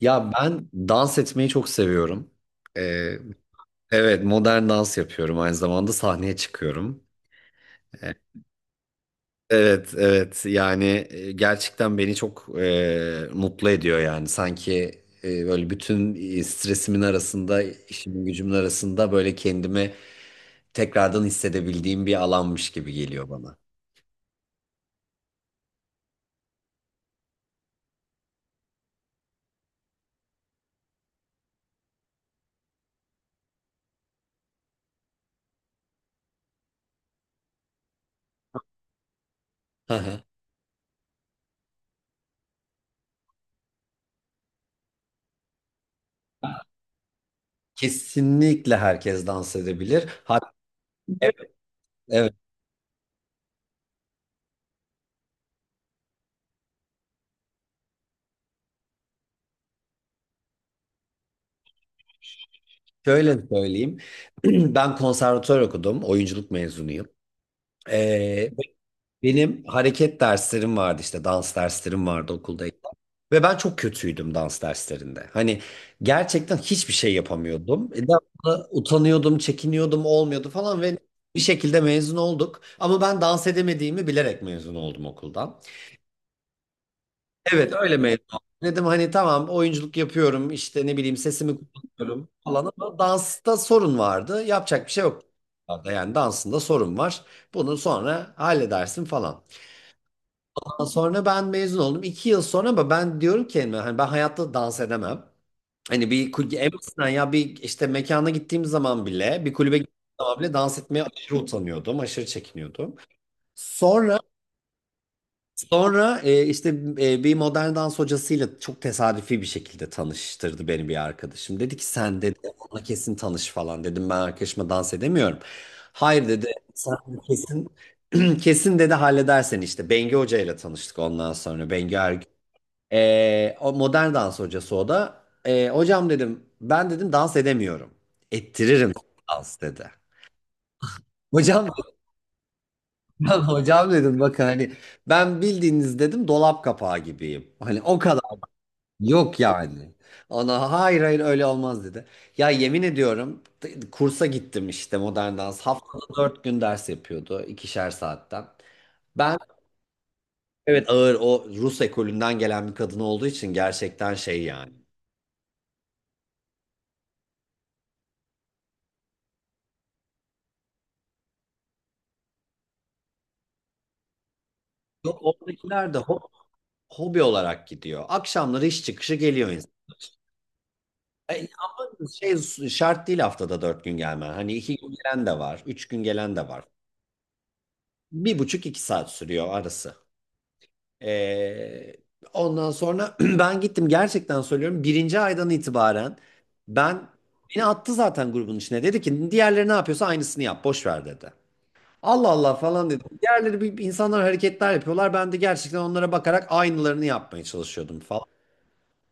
Ya ben dans etmeyi çok seviyorum. Ee, evet, modern dans yapıyorum, aynı zamanda sahneye çıkıyorum. Ee, evet yani gerçekten beni çok mutlu ediyor yani sanki böyle bütün stresimin arasında, işimin gücümün arasında böyle kendimi tekrardan hissedebildiğim bir alanmış gibi geliyor bana. Hı hı. Kesinlikle herkes dans edebilir. Hatta evet evet, şöyle söyleyeyim. Ben konservatuvar okudum. Oyunculuk mezunuyum. Ee, Benim hareket derslerim vardı, işte dans derslerim vardı okuldayken. Ve ben çok kötüydüm dans derslerinde. Hani gerçekten hiçbir şey yapamıyordum. Devamlı utanıyordum, çekiniyordum, olmuyordu falan ve bir şekilde mezun olduk. Ama ben dans edemediğimi bilerek mezun oldum okuldan. Evet, öyle mezun oldum. Dedim hani tamam, oyunculuk yapıyorum işte, ne bileyim sesimi kullanıyorum falan ama dansta sorun vardı. Yapacak bir şey yok. Yani dansında sorun var. Bunu sonra halledersin falan. Sonra ben mezun oldum. İki yıl sonra ama ben diyorum ki kendime, hani ben hayatta dans edemem. Hani bir kulübe, en basitinden ya bir işte mekana gittiğim zaman bile, bir kulübe gittiğim zaman bile dans etmeye aşırı utanıyordum. Aşırı çekiniyordum. Sonra sonra bir modern dans hocasıyla çok tesadüfi bir şekilde tanıştırdı beni bir arkadaşım. Dedi ki sen dedi, ona kesin tanış falan. Dedim ben arkadaşıma, dans edemiyorum. Hayır dedi, sen kesin kesin dedi halledersen işte. Bengi Hoca ile tanıştık ondan sonra. Bengi Ergün. O modern dans hocası o da. Hocam dedim, ben dedim dans edemiyorum. Ettiririm dans dedi. Hocam hocam dedim, bakın hani ben bildiğiniz dedim dolap kapağı gibiyim. Hani o kadar yok yani. Ona hayır hayır öyle olmaz dedi. Ya yemin ediyorum, kursa gittim işte modern dans. Haftada dört gün ders yapıyordu, ikişer saatten. Ben evet ağır, o Rus ekolünden gelen bir kadın olduğu için gerçekten şey yani. Yok, oradakiler de hobi olarak gidiyor. Akşamları iş çıkışı geliyor insan. Ama şart değil haftada dört gün gelmen. Hani iki gün gelen de var, üç gün gelen de var. Bir buçuk, iki saat sürüyor arası. E, Ondan sonra ben gittim, gerçekten söylüyorum. Birinci aydan itibaren ben beni attı zaten grubun içine. Dedi ki diğerleri ne yapıyorsa aynısını yap, boş ver dedi. Allah Allah falan dedim. Diğerleri bir insanlar hareketler yapıyorlar. Ben de gerçekten onlara bakarak aynılarını yapmaya çalışıyordum falan.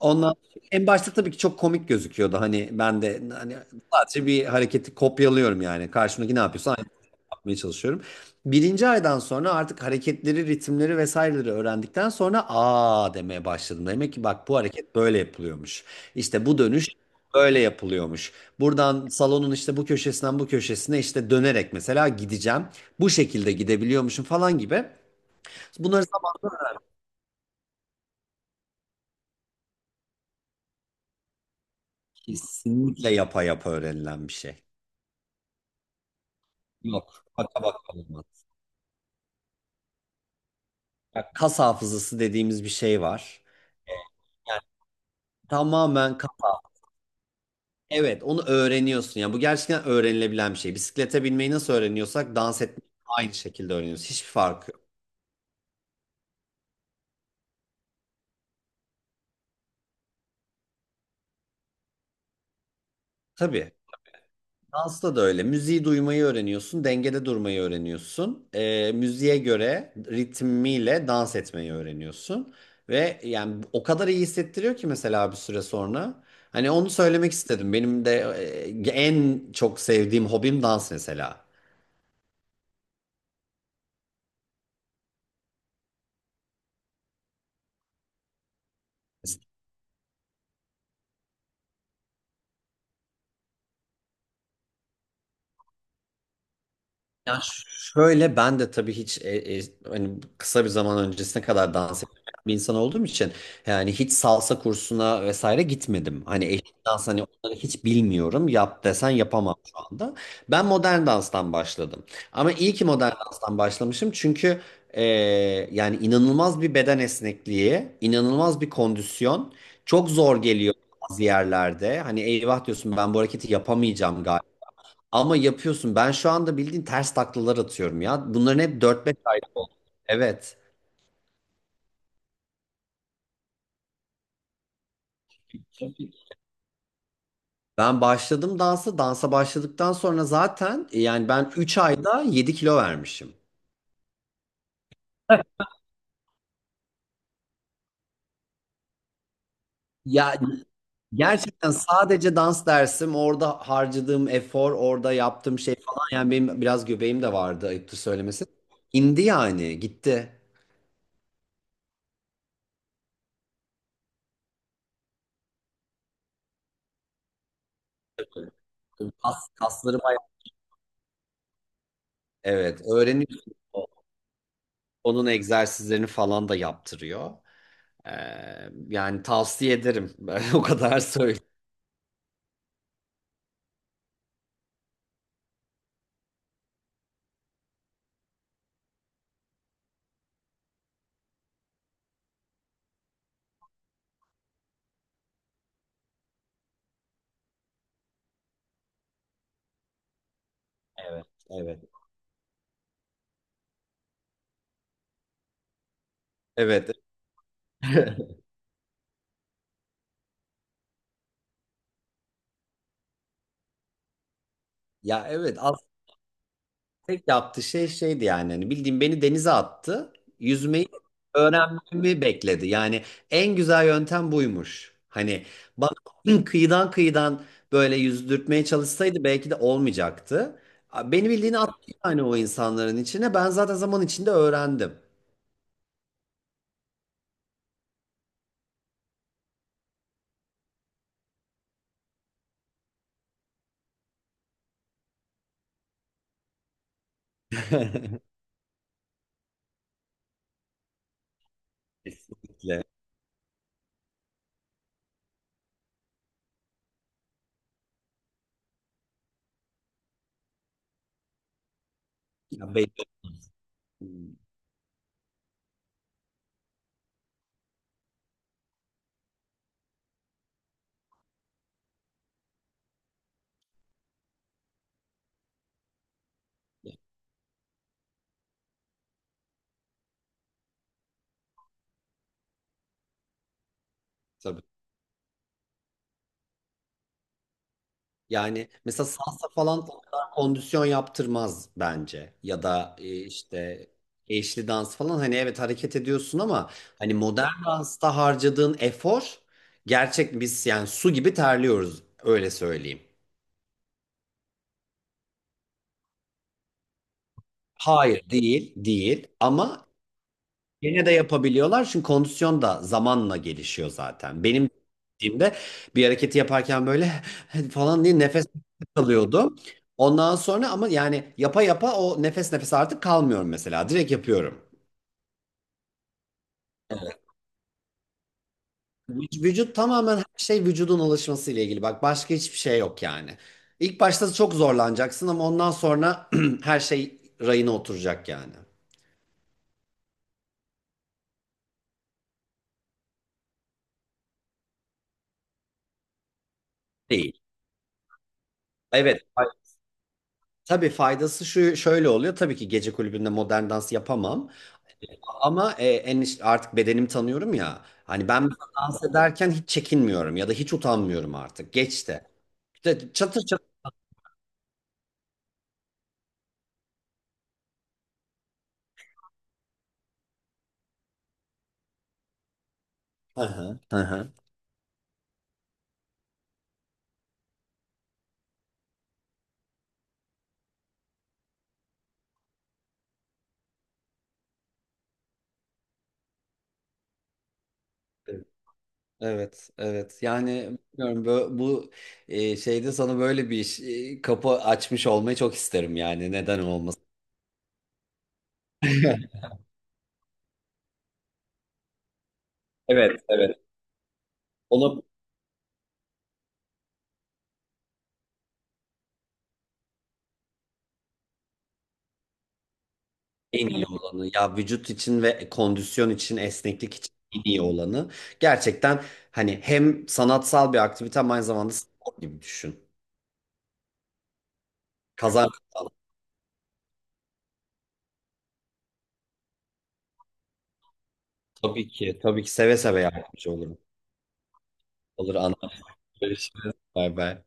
Ondan En başta tabii ki çok komik gözüküyordu. Hani ben de hani sadece bir hareketi kopyalıyorum yani. Karşımdaki ne yapıyorsa aynı yapmaya çalışıyorum. Birinci aydan sonra artık hareketleri, ritimleri vesaireleri öğrendikten sonra aa demeye başladım. Demek ki bak, bu hareket böyle yapılıyormuş. İşte bu dönüş böyle yapılıyormuş. Buradan salonun işte bu köşesinden bu köşesine işte dönerek mesela gideceğim. Bu şekilde gidebiliyormuşum falan gibi. Bunları zamanla kesinlikle yapa yapa öğrenilen bir şey. Yok. Baka baka olmaz. Kas hafızası dediğimiz bir şey var. Tamamen kafa. Evet, onu öğreniyorsun. Yani bu gerçekten öğrenilebilen bir şey. Bisiklete binmeyi nasıl öğreniyorsak dans etmeyi aynı şekilde öğreniyoruz. Hiçbir fark yok. Tabii. Dansta da öyle. Müziği duymayı öğreniyorsun, dengede durmayı öğreniyorsun. Müziğe göre ritmiyle dans etmeyi öğreniyorsun. Ve yani o kadar iyi hissettiriyor ki mesela bir süre sonra. Hani onu söylemek istedim. Benim de en çok sevdiğim hobim dans mesela. Şöyle, ben de tabii hiç e, hani kısa bir zaman öncesine kadar dans eden bir insan olduğum için yani hiç salsa kursuna vesaire gitmedim. Hani eşlik dans, hani onları hiç bilmiyorum. Yap desen yapamam şu anda. Ben modern danstan başladım. Ama iyi ki modern danstan başlamışım çünkü e, yani inanılmaz bir beden esnekliği, inanılmaz bir kondisyon. Çok zor geliyor bazı yerlerde. Hani eyvah diyorsun, ben bu hareketi yapamayacağım galiba ama yapıyorsun. Ben şu anda bildiğin ters taklalar atıyorum ya. Bunların hep dört beş ayda oldu. Evet. Ben başladım dansa. Dansa başladıktan sonra zaten yani ben 3 ayda yedi kilo vermişim. Ya gerçekten sadece dans dersim, orada harcadığım efor, orada yaptığım şey falan, yani benim biraz göbeğim de vardı ayıptır söylemesi. İndi yani, gitti. Kas, kasları bayağı. Evet öğreniyorsun. Onun egzersizlerini falan da yaptırıyor. Ee, Yani tavsiye ederim. Ben o kadar söyleyeyim. Evet, evet. Evet. Ya evet, aslında tek yaptığı şey şeydi, yani hani bildiğim beni denize attı. Yüzmeyi öğrenmemi bekledi. Yani en güzel yöntem buymuş. Hani bana kıyıdan kıyıdan böyle yüzdürtmeye çalışsaydı belki de olmayacaktı. Beni bildiğini attı yani o insanların içine. Ben zaten zaman içinde öğrendim. Kesinlikle. Ya belli. Yani mesela salsa falan o kadar kondisyon yaptırmaz bence. Ya da işte eşli dans falan, hani evet hareket ediyorsun ama hani modern dansta harcadığın efor gerçek, biz yani su gibi terliyoruz öyle söyleyeyim. Hayır, değil değil ama yine de yapabiliyorlar çünkü kondisyon da zamanla gelişiyor zaten. Benim dediğimde bir hareketi yaparken böyle falan diye nefes kalıyordu. Ondan sonra ama yani yapa yapa o nefes nefese artık kalmıyorum mesela. Direkt yapıyorum. Vücut tamamen, her şey vücudun alışması ile ilgili. Bak başka hiçbir şey yok yani. İlk başta çok zorlanacaksın ama ondan sonra her şey rayına oturacak yani. Değil. Evet. Tabii faydası şu, şöyle oluyor. Tabii ki gece kulübünde modern dans yapamam. Ama artık bedenimi tanıyorum ya. Hani ben mesela dans ederken hiç çekinmiyorum ya da hiç utanmıyorum artık. Geçti. İşte çatır çatır. Hı hı, hı hı. Evet, evet. Yani bilmiyorum, bu şeyde sana böyle bir iş, kapı açmış olmayı çok isterim yani. Neden olmasın? Evet, evet. Onu en iyi olanı ya, vücut için ve kondisyon için, esneklik için en iyi olanı gerçekten. Hani hem sanatsal bir aktivite ama aynı zamanda spor gibi düşün. Kazan tabii ki. Tabii ki seve seve yardımcı olurum. Olur, anlatırız. Bay bay.